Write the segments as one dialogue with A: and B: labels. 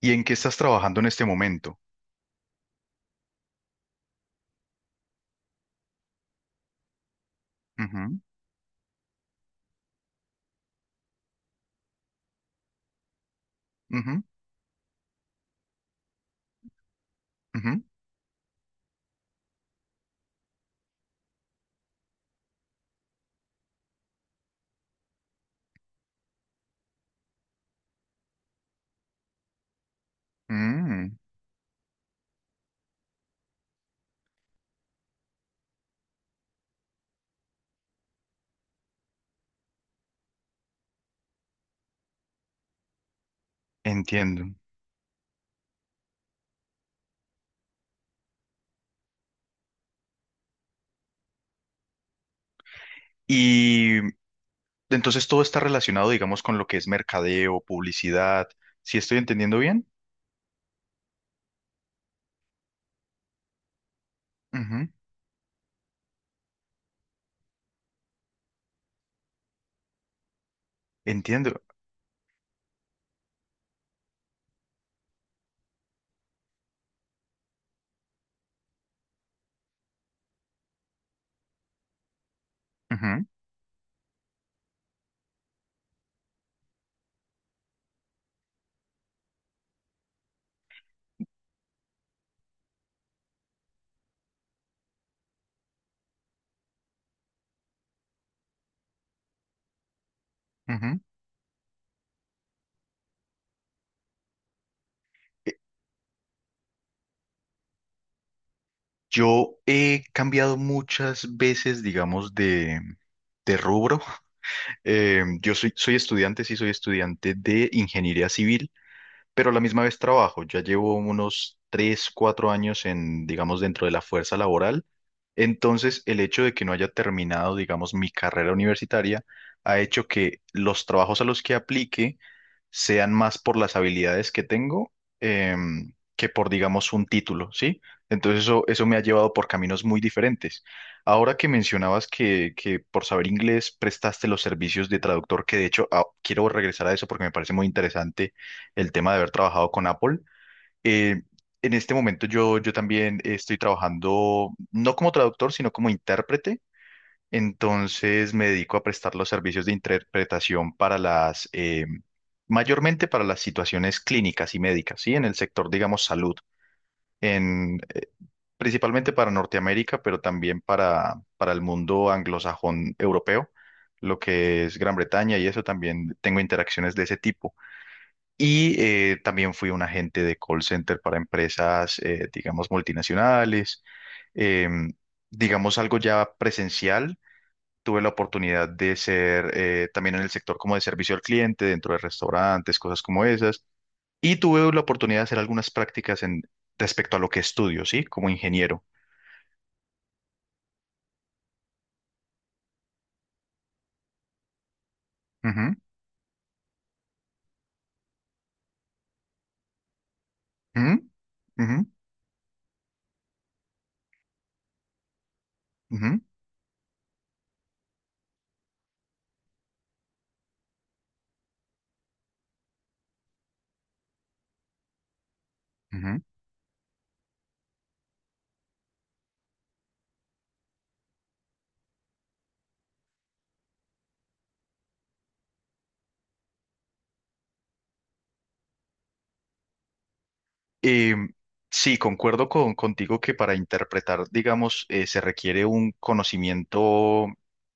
A: ¿Y en qué estás trabajando en este momento? Ujú, ujú, ujú. Mm, entiendo. Y entonces todo está relacionado, digamos, con lo que es mercadeo, publicidad. ¿Si estoy entendiendo bien? Ujú, entiendo. Ujú, ujú. Eh, Yo he cambiado muchas veces, digamos, de, rubro. Yo soy estudiante, sí, soy estudiante de ingeniería civil. Pero a la misma vez trabajo. Ya llevo unos 3 4 años en, digamos, dentro de la fuerza laboral. Entonces, el hecho de que no haya terminado, digamos, mi carrera universitaria ha hecho que los trabajos a los que aplique sean más por las habilidades que tengo, que por, digamos, un título, ¿sí? Entonces eso me ha llevado por caminos muy diferentes. Ahora que mencionabas que, por saber inglés prestaste los servicios de traductor, que de hecho, quiero regresar a eso porque me parece muy interesante el tema de haber trabajado con Apple. Eh, en este momento yo también estoy trabajando, no como traductor, sino como intérprete. Entonces me dedico a prestar los servicios de interpretación para las, mayormente para las situaciones clínicas y médicas, ¿sí? En el sector, digamos, salud, en, principalmente para Norteamérica, pero también para el mundo anglosajón europeo, lo que es Gran Bretaña, y eso también tengo interacciones de ese tipo. Y también fui un agente de call center para empresas, digamos, multinacionales. em, digamos algo ya presencial. Tuve la oportunidad de ser, también en el sector como de servicio al cliente, dentro de restaurantes, cosas como esas. Y tuve la oportunidad de hacer algunas prácticas en, respecto a lo que estudio, ¿sí? Como ingeniero. Ujú, ujú, ujú, ujú, ujú. Eh, sí, concuerdo contigo que para interpretar, digamos, se requiere un conocimiento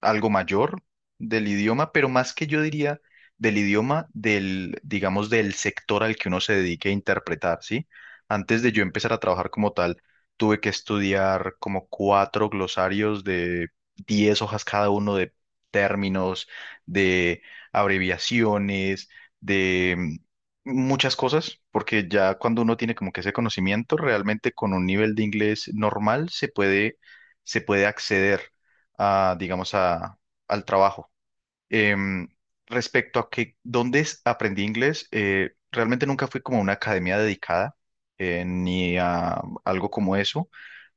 A: algo mayor del idioma, pero más que yo diría del idioma, del, digamos, del sector al que uno se dedique a interpretar, ¿sí? Antes de yo empezar a trabajar como tal, tuve que estudiar como cuatro glosarios de 10 hojas cada uno, de términos, de abreviaciones, muchas cosas, porque ya cuando uno tiene como que ese conocimiento, realmente con un nivel de inglés normal se puede acceder a, digamos, a, al trabajo. Em, respecto a que dónde aprendí inglés, realmente nunca fui como a una academia dedicada, ni a algo como eso.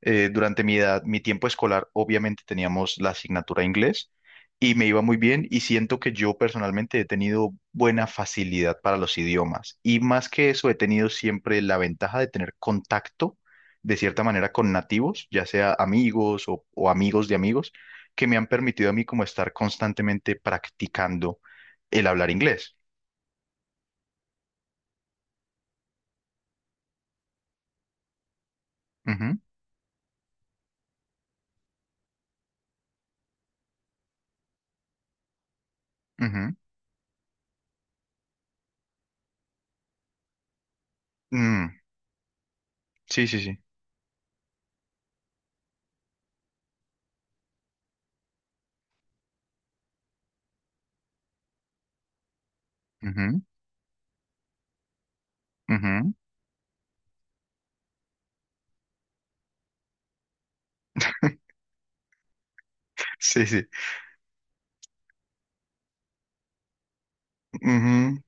A: Durante mi edad, mi tiempo escolar, obviamente teníamos la asignatura de inglés, y me iba muy bien, y siento que yo personalmente he tenido buena facilidad para los idiomas, y más que eso he tenido siempre la ventaja de tener contacto de cierta manera con nativos, ya sea amigos o amigos de amigos, que me han permitido a mí como estar constantemente practicando el hablar inglés. Ujú, ujú. Mm, sí, sí, sí. Ujú, ujú. Sí, sí. Ujú,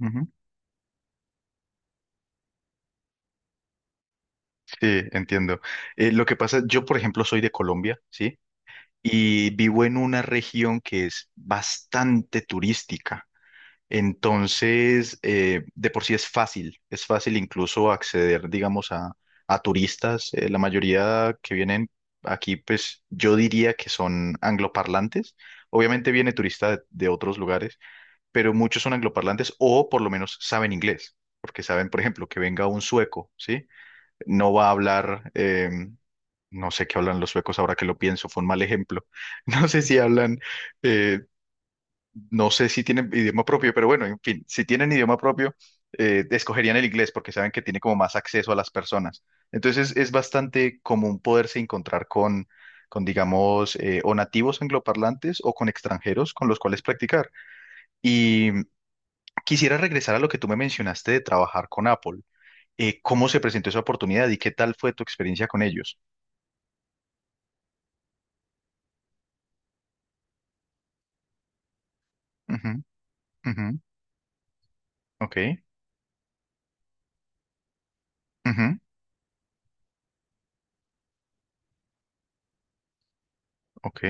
A: ujú. Sí, entiendo. Lo que pasa, yo por ejemplo soy de Colombia, ¿sí? Y vivo en una región que es bastante turística. Entonces, de por sí es fácil incluso acceder, digamos, a, turistas. La mayoría que vienen aquí, pues yo diría que son angloparlantes. Obviamente viene turista de otros lugares, pero muchos son angloparlantes o por lo menos saben inglés, porque saben, por ejemplo, que venga un sueco, ¿sí? No va a hablar. No sé qué hablan los suecos, ahora que lo pienso, fue un mal ejemplo. No sé si hablan, eh, no sé si tienen idioma propio, pero bueno, en fin, si tienen idioma propio, escogerían el inglés porque saben que tiene como más acceso a las personas. Entonces es bastante común poderse encontrar con digamos, o nativos angloparlantes o con extranjeros con los cuales practicar. Y quisiera regresar a lo que tú me mencionaste de trabajar con Apple. ¿Cómo se presentó esa oportunidad y qué tal fue tu experiencia con ellos? Ujú, ujú, ok, ujú, ok,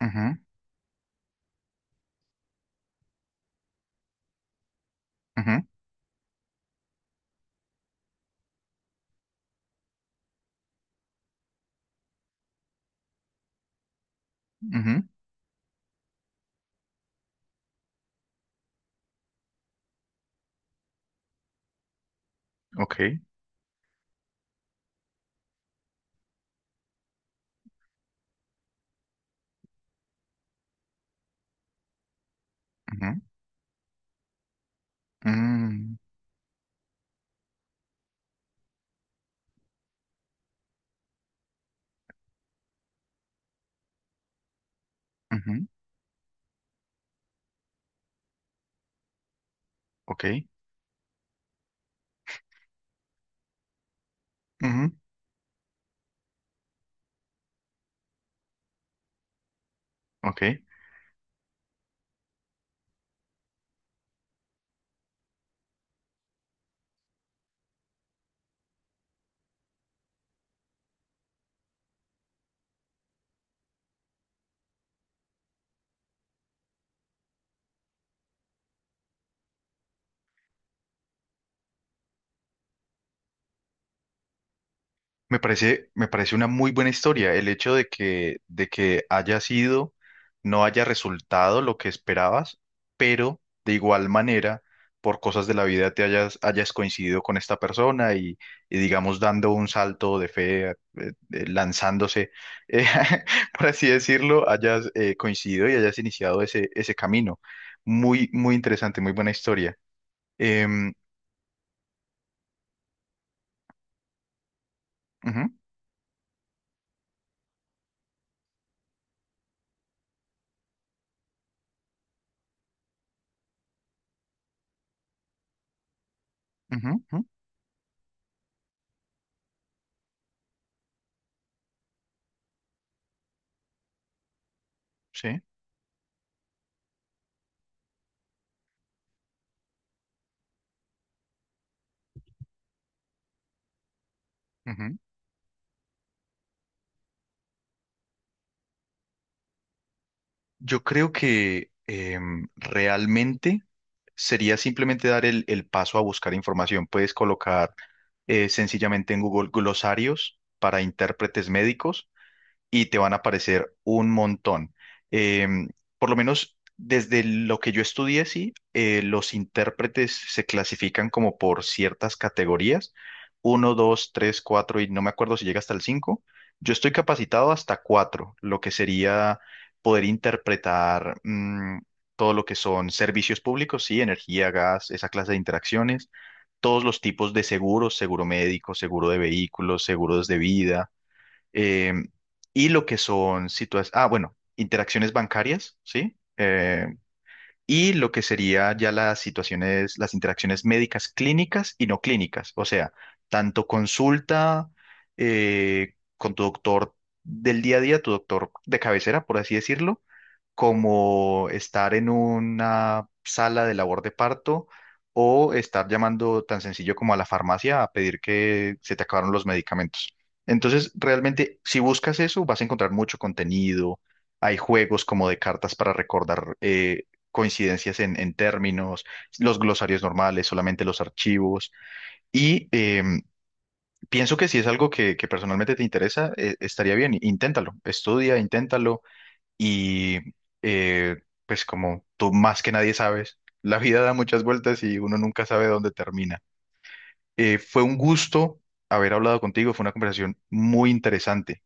A: ujú, ujú, ujú, ok, ujú, mm. Ujú, ok, ujú, ok. Me parece una muy buena historia. El hecho de que haya sido, no haya resultado lo que esperabas, pero de igual manera, por cosas de la vida te hayas coincidido con esta persona, y digamos dando un salto de fe, lanzándose, eh, por así decirlo, hayas, coincidido y hayas iniciado ese camino. Muy, muy interesante, muy buena historia. Em, ujú, ujú, ujú, sí. Ujú. Yo creo que, realmente sería simplemente dar el paso a buscar información. Puedes colocar, sencillamente, en Google, glosarios para intérpretes médicos, y te van a aparecer un montón. Em, por lo menos desde lo que yo estudié, sí, los intérpretes se clasifican como por ciertas categorías, uno, dos, tres, cuatro, y no me acuerdo si llega hasta el cinco. Yo estoy capacitado hasta cuatro, lo que sería poder interpretar, todo lo que son servicios públicos, sí, energía, gas, esa clase de interacciones, todos los tipos de seguros, seguro médico, seguro de vehículos, seguros de vida, eh, y lo que son situaciones, ah, bueno, interacciones bancarias, ¿sí? Y lo que sería ya las situaciones, las interacciones médicas clínicas y no clínicas, o sea, tanto consulta, con tu doctor del día a día, tu doctor de cabecera, por así decirlo, como estar en una sala de labor de parto, o estar llamando tan sencillo como a la farmacia a pedir que se te acabaron los medicamentos. Entonces, realmente, si buscas eso, vas a encontrar mucho contenido. Hay juegos como de cartas para recordar, coincidencias en términos, los glosarios normales, solamente los archivos. Y pienso que si es algo que personalmente te interesa, estaría bien. Inténtalo, estudia, inténtalo, y pues como tú más que nadie sabes, la vida da muchas vueltas y uno nunca sabe dónde termina. Fue un gusto haber hablado contigo, fue una conversación muy interesante.